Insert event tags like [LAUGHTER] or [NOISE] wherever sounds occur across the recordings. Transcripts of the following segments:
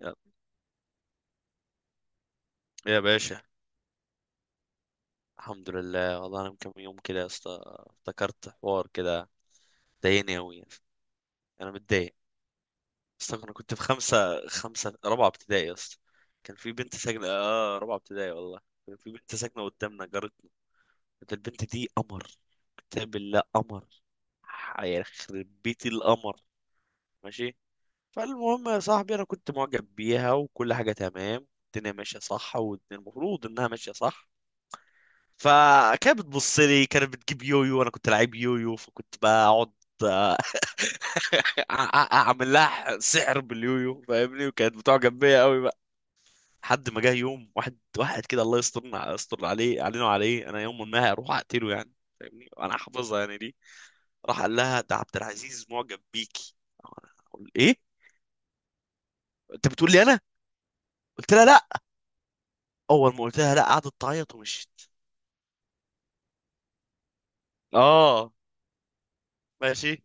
يا يا باشا. الحمد لله، والله انا من كام يوم كده يا اسطى افتكرت حوار كده ضايقني قوي. انا متضايق. اصلا انا كنت في خمسة خمسة رابعة ابتدائي يا اسطى. كان في بنت ساكنة رابعة ابتدائي، والله كان في بنت ساكنة قدامنا، جارتنا. كانت البنت دي قمر. كتاب الله قمر. هيخرب بيتي القمر. ماشي. فالمهم يا صاحبي، انا كنت معجب بيها وكل حاجة تمام، الدنيا ماشية صح والمفروض انها ماشية صح. فكانت بتبص لي، كانت بتجيب يويو وانا كنت لعيب يويو، فكنت بقعد آه، اعمل لها سحر باليويو، فاهمني، وكانت بتعجب بيا قوي بقى. لحد ما جه يوم، واحد واحد كده، الله يسترنا، يستر علينا وعليه، انا يوم ما هروح اقتله يعني. فاهمني، انا حافظها يعني دي. راح قال لها ده عبد العزيز معجب بيكي. أنا أقول ايه؟ انت بتقول لي انا؟ قلت لها لا. اول ما قلت لها لا قعدت تعيط ومشيت. اه، ماشي.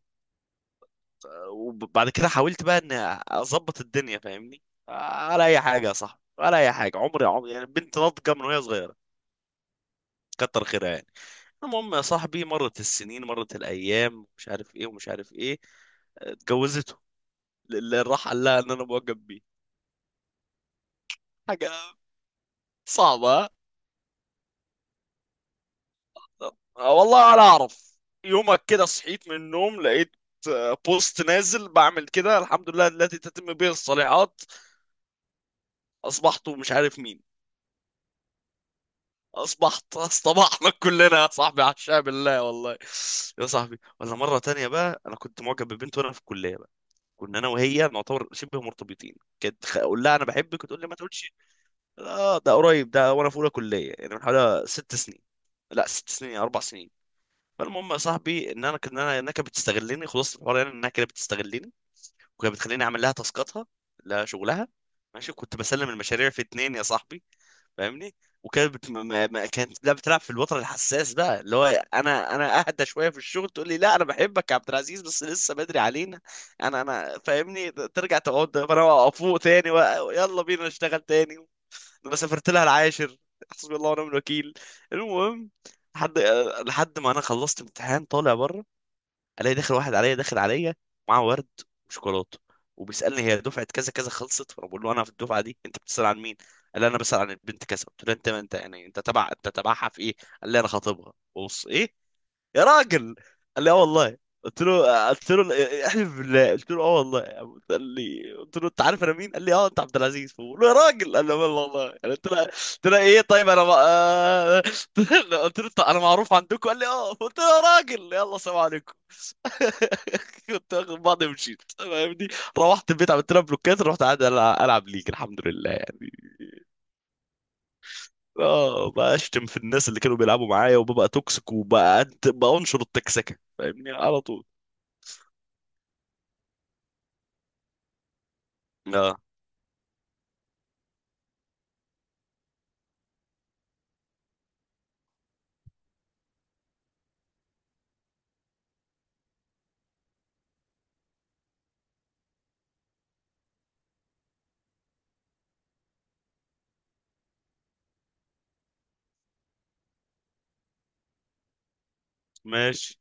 وبعد كده حاولت بقى ان اظبط الدنيا، فاهمني، ولا اي حاجه. يا صاحبي، ولا اي حاجه، عمري يعني، بنت ناضجه من وهي صغيره. كتر خيرها يعني. المهم يا صاحبي، مرت السنين، مرت الايام، مش عارف ايه ومش عارف ايه. اتجوزته. اللي راح قال لها ان انا معجب بيه. حاجه صعبه، ها؟ آه، والله ولا اعرف. يومك كده صحيت من النوم لقيت بوست نازل بعمل كده. الحمد لله التي تتم به الصالحات. اصبحت مش عارف مين. اصطبحنا كلنا يا صاحبي، عشاء بالله والله. يا صاحبي، ولا مره تانية بقى، انا كنت معجب ببنت وانا في الكليه بقى. كنا انا وهي نعتبر شبه مرتبطين. كنت اقول لها انا بحبك وتقول لي ما تقولش. لا ده قريب، ده وانا في اولى كليه، يعني من حوالي ست سنين. لا، ست سنين 4 سنين. فالمهم يا صاحبي، ان انا كان انا انها كانت بتستغلني، خلاص الحوار يعني، انها كانت بتستغلني، وكانت بتخليني اعمل لها تاسكاتها، لها شغلها. ماشي، كنت بسلم المشاريع في 2 يا صاحبي. فاهمني. وكانت بت... ما... ما... كانت لا بتلعب في الوتر الحساس بقى، اللي هو انا اهدى شويه في الشغل، تقول لي لا انا بحبك يا عبد العزيز، بس لسه بدري علينا. انا انا فاهمني، ترجع تقعد انا فوق تاني يلا بينا نشتغل تاني. انا سافرت لها العاشر. حسبي الله ونعم الوكيل. المهم، لحد لحد ما انا خلصت امتحان طالع بره، الاقي داخل واحد عليا، داخل عليا معاه ورد وشوكولاته، وبيسالني هي دفعه كذا كذا خلصت. فانا بقول له انا في الدفعه دي، انت بتسال عن مين؟ قال لي انا بسال عن البنت كذا. قلت له انت يعني، انت تبعها في ايه؟ قال لي انا خاطبها. بص ايه يا راجل. قال لي اه والله. قلت له "إيه، احلف بالله". قلت له اه والله. قال لي، قلت له انت عارف انا مين؟ قال لي اه انت عبد العزيز. فبقول له يا راجل. قال لي والله والله يعني. قلت له ايه طيب، انا ما... آه، [LAUGHS] قلت له انا معروف عندكم. قال لي اه. قلت له يا راجل، يلا سلام عليكم. [LAUGHS] كنت واخد بعضي ومشيت فاهمني. روحت البيت، عملت لها بلوكات، رحت قاعد العب ليج، الحمد لله يعني. اه، بشتم في الناس اللي كانوا بيلعبوا معايا، وببقى توكسيك، وبقى بنشر التكسكه، فاهمني، على طول. اه، ماشي.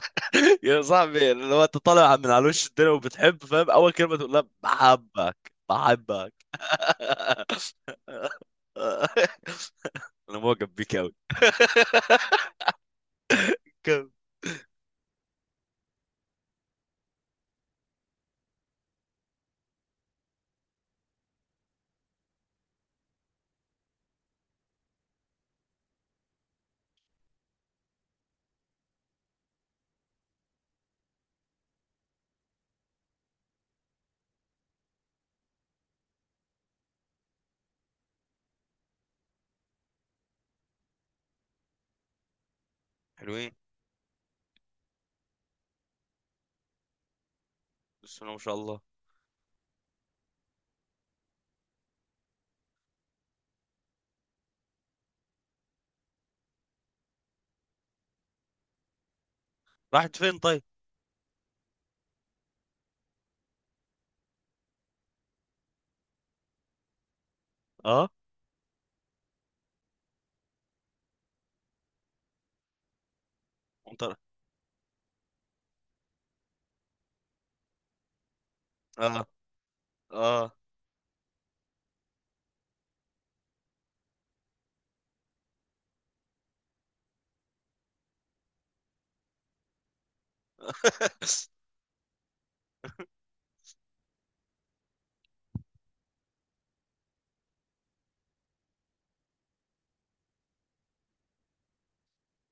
[LAUGHS] يا صاحبي، لو انت طالع من على وش الدنيا وبتحب، فاهم، اول كلمه تقول لها بحبك بحبك. [LAUGHS] انا معجب بيك قوي. كم؟ حلوين. بسم الله ما شاء الله. راحت فين طيب؟ اه، انت. اه، اه،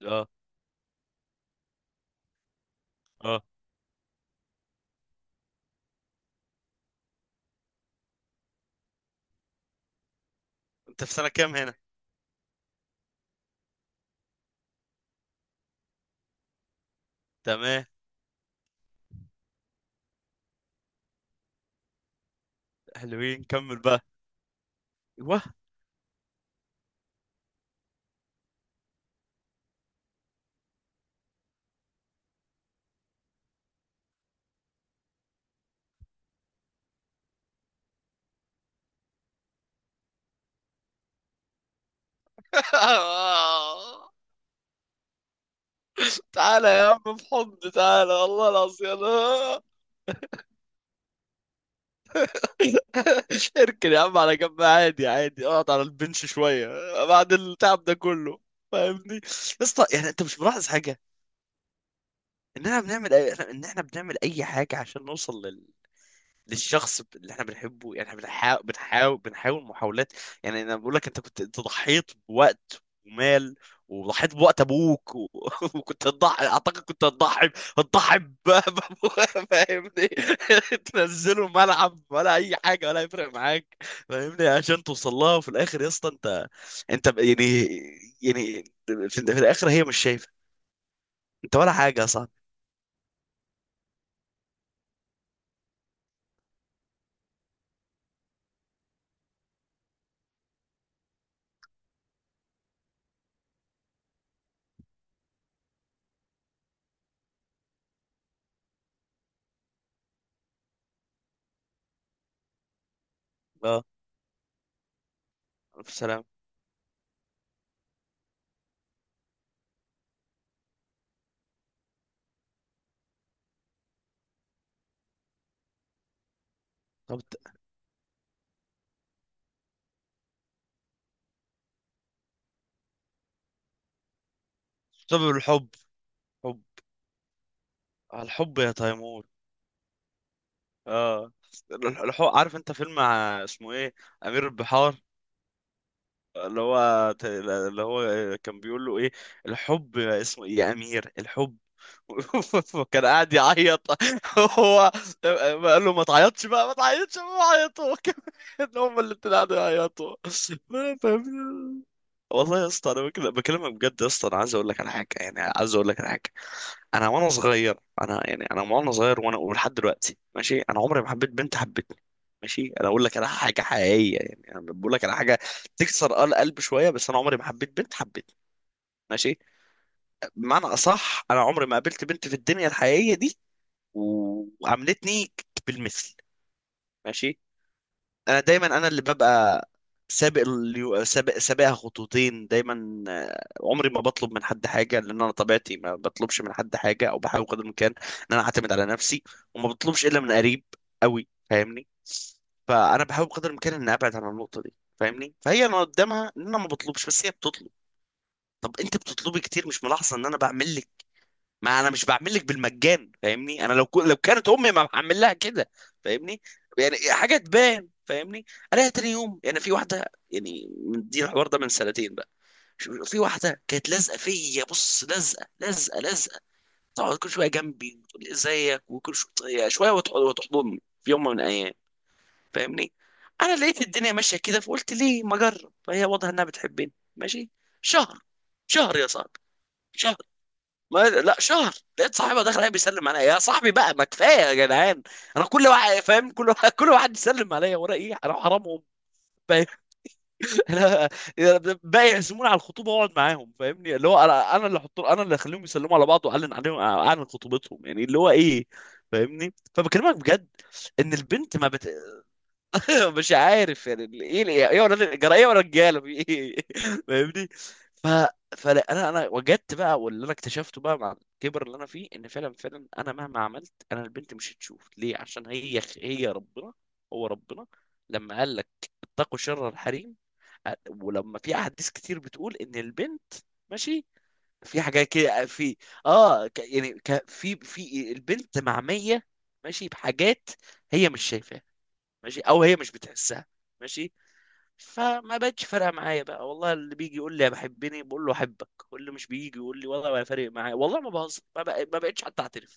اه. [LAUGHS] اه، انت في سنة كام هنا؟ تمام. حلوين، كمل بقى. ايوه. [LAUGHS] تعالى يا عم في حضن، تعالى والله العظيم، [LAUGHS] اركن يا عم على جنب، عادي عادي، اقعد على البنش شوية بعد التعب ده كله. فاهمني يا اسطى، يعني انت مش ملاحظ حاجة؟ ان احنا بنعمل ان احنا بنعمل اي حاجة عشان نوصل للشخص اللي احنا بنحبه، يعني احنا بنحاول بنحاول بنحاول محاولات. يعني انا بقول لك، انت كنت انت ضحيت بوقت ومال، وضحيت بوقت ابوك [LAUGHS] وكنت هتضحي، اعتقد كنت هتضحي، هتضحي [LAUGHS] فاهمني. [LAUGHS] تنزله ملعب ولا اي حاجه، ولا هيفرق معاك، فاهمني، عشان توصل لها. وفي الاخر يا اسطى، انت، انت يعني، يعني في الاخر هي مش شايفه انت ولا حاجه يا صاحبي. اه. السلام. طب. سبب الحب. حب. الحب يا تيمور. اه. الحوار، عارف انت فيلم اسمه ايه؟ امير البحار. اللي هو كان بيقول له ايه، الحب اسمه ايه يا امير الحب. [LAUGHS] كان قاعد يعيط. [LAUGHS] هو قال له ما تعيطش بقى، ما تعيطش، ما عيطوا هو كمان. [LAUGHS] هم اللي قاعدوا يعيطوا. [LAUGHS] والله يا اسطى انا بكلمك بجد، يا اسطى انا عايز اقول لك على حاجه، يعني عايز اقول لك على حاجه. انا وانا صغير، انا يعني، انا وانا صغير، وانا ولحد دلوقتي، ماشي، انا عمري ما حبيت بنت حبتني. ماشي. انا اقول لك على حاجه حقيقيه يعني، انا بقول لك على حاجه تكسر القلب شويه. بس انا عمري ما حبيت بنت حبتني. ماشي. بمعنى اصح، انا عمري ما قابلت بنت في الدنيا الحقيقيه دي وعاملتني بالمثل. ماشي. انا دايما انا اللي ببقى سابق اليو... سابق سابقها خطوتين دايما. عمري ما بطلب من حد حاجه، لان انا طبيعتي ما بطلبش من حد حاجه، او بحاول قدر الامكان ان انا اعتمد على نفسي، وما بطلبش الا من قريب قوي، فاهمني. فانا بحاول قدر الامكان ان ابعد عن النقطه دي، فاهمني. فهي انا قدامها ان انا ما بطلبش، بس هي بتطلب. طب انت بتطلبي كتير، مش ملاحظه ان انا بعمل؟ ما انا مش بعمل لك بالمجان فاهمني، انا لو لو كانت امي ما بعمل لها كده، فاهمني، يعني حاجه تبان فاهمني. الاقي تاني يوم يعني في واحده، يعني من دي الحوار ده من 2 سنين بقى، في واحده كانت لازقه فيا، بص، لازقه لازقه لازقه، تقعد كل شويه جنبي وتقول لي ازيك، وكل شويه شويه وتحضني في يوم من الايام فاهمني. انا لقيت الدنيا ماشيه كده، فقلت ليه ما اجرب، فهي واضحه انها بتحبني، ماشي. شهر، شهر يا صاحبي، شهر، ما لا شهر، لقيت صاحبها داخل عليا بيسلم عليا. يا صاحبي بقى، ما كفايه يا جدعان، انا كل واحد فاهم، كل واحد كل واحد يسلم عليا، ورا ايه؟ انا حرامهم، فاهم؟ [LAUGHS] انا باقي يعزموني على الخطوبه واقعد معاهم، فاهمني، اللي هو انا اللي احط، انا اللي اخليهم يسلموا على بعض، واعلن عليهم، اعلن خطوبتهم، يعني اللي هو ايه، فاهمني. فبكلمك بجد ان البنت ما بت... [LAUGHS] مش عارف يعني ايه، ايه، ولا الجرايه ولا الرجاله في ايه. [LAUGHS] فاهمني. ف فانا، انا أنا وجدت بقى، واللي انا اكتشفته بقى مع الكبر اللي انا فيه، ان فعلا فعلا انا مهما عملت، انا البنت مش هتشوف ليه، عشان هي ربنا، هو ربنا، لما قال لك اتقوا شر الحريم، ولما في احاديث كتير بتقول ان البنت، ماشي، في حاجات كده. في، اه، يعني في البنت معميه، ماشي، بحاجات هي مش شايفاها، ماشي، او هي مش بتحسها، ماشي. فما بقتش فارقه معايا بقى، والله اللي بيجي يقول لي يا بحبني بقول له احبك، واللي مش بيجي يقول لي والله ما فارق معايا، والله ما بهزر، ما بقتش حتى اعترف.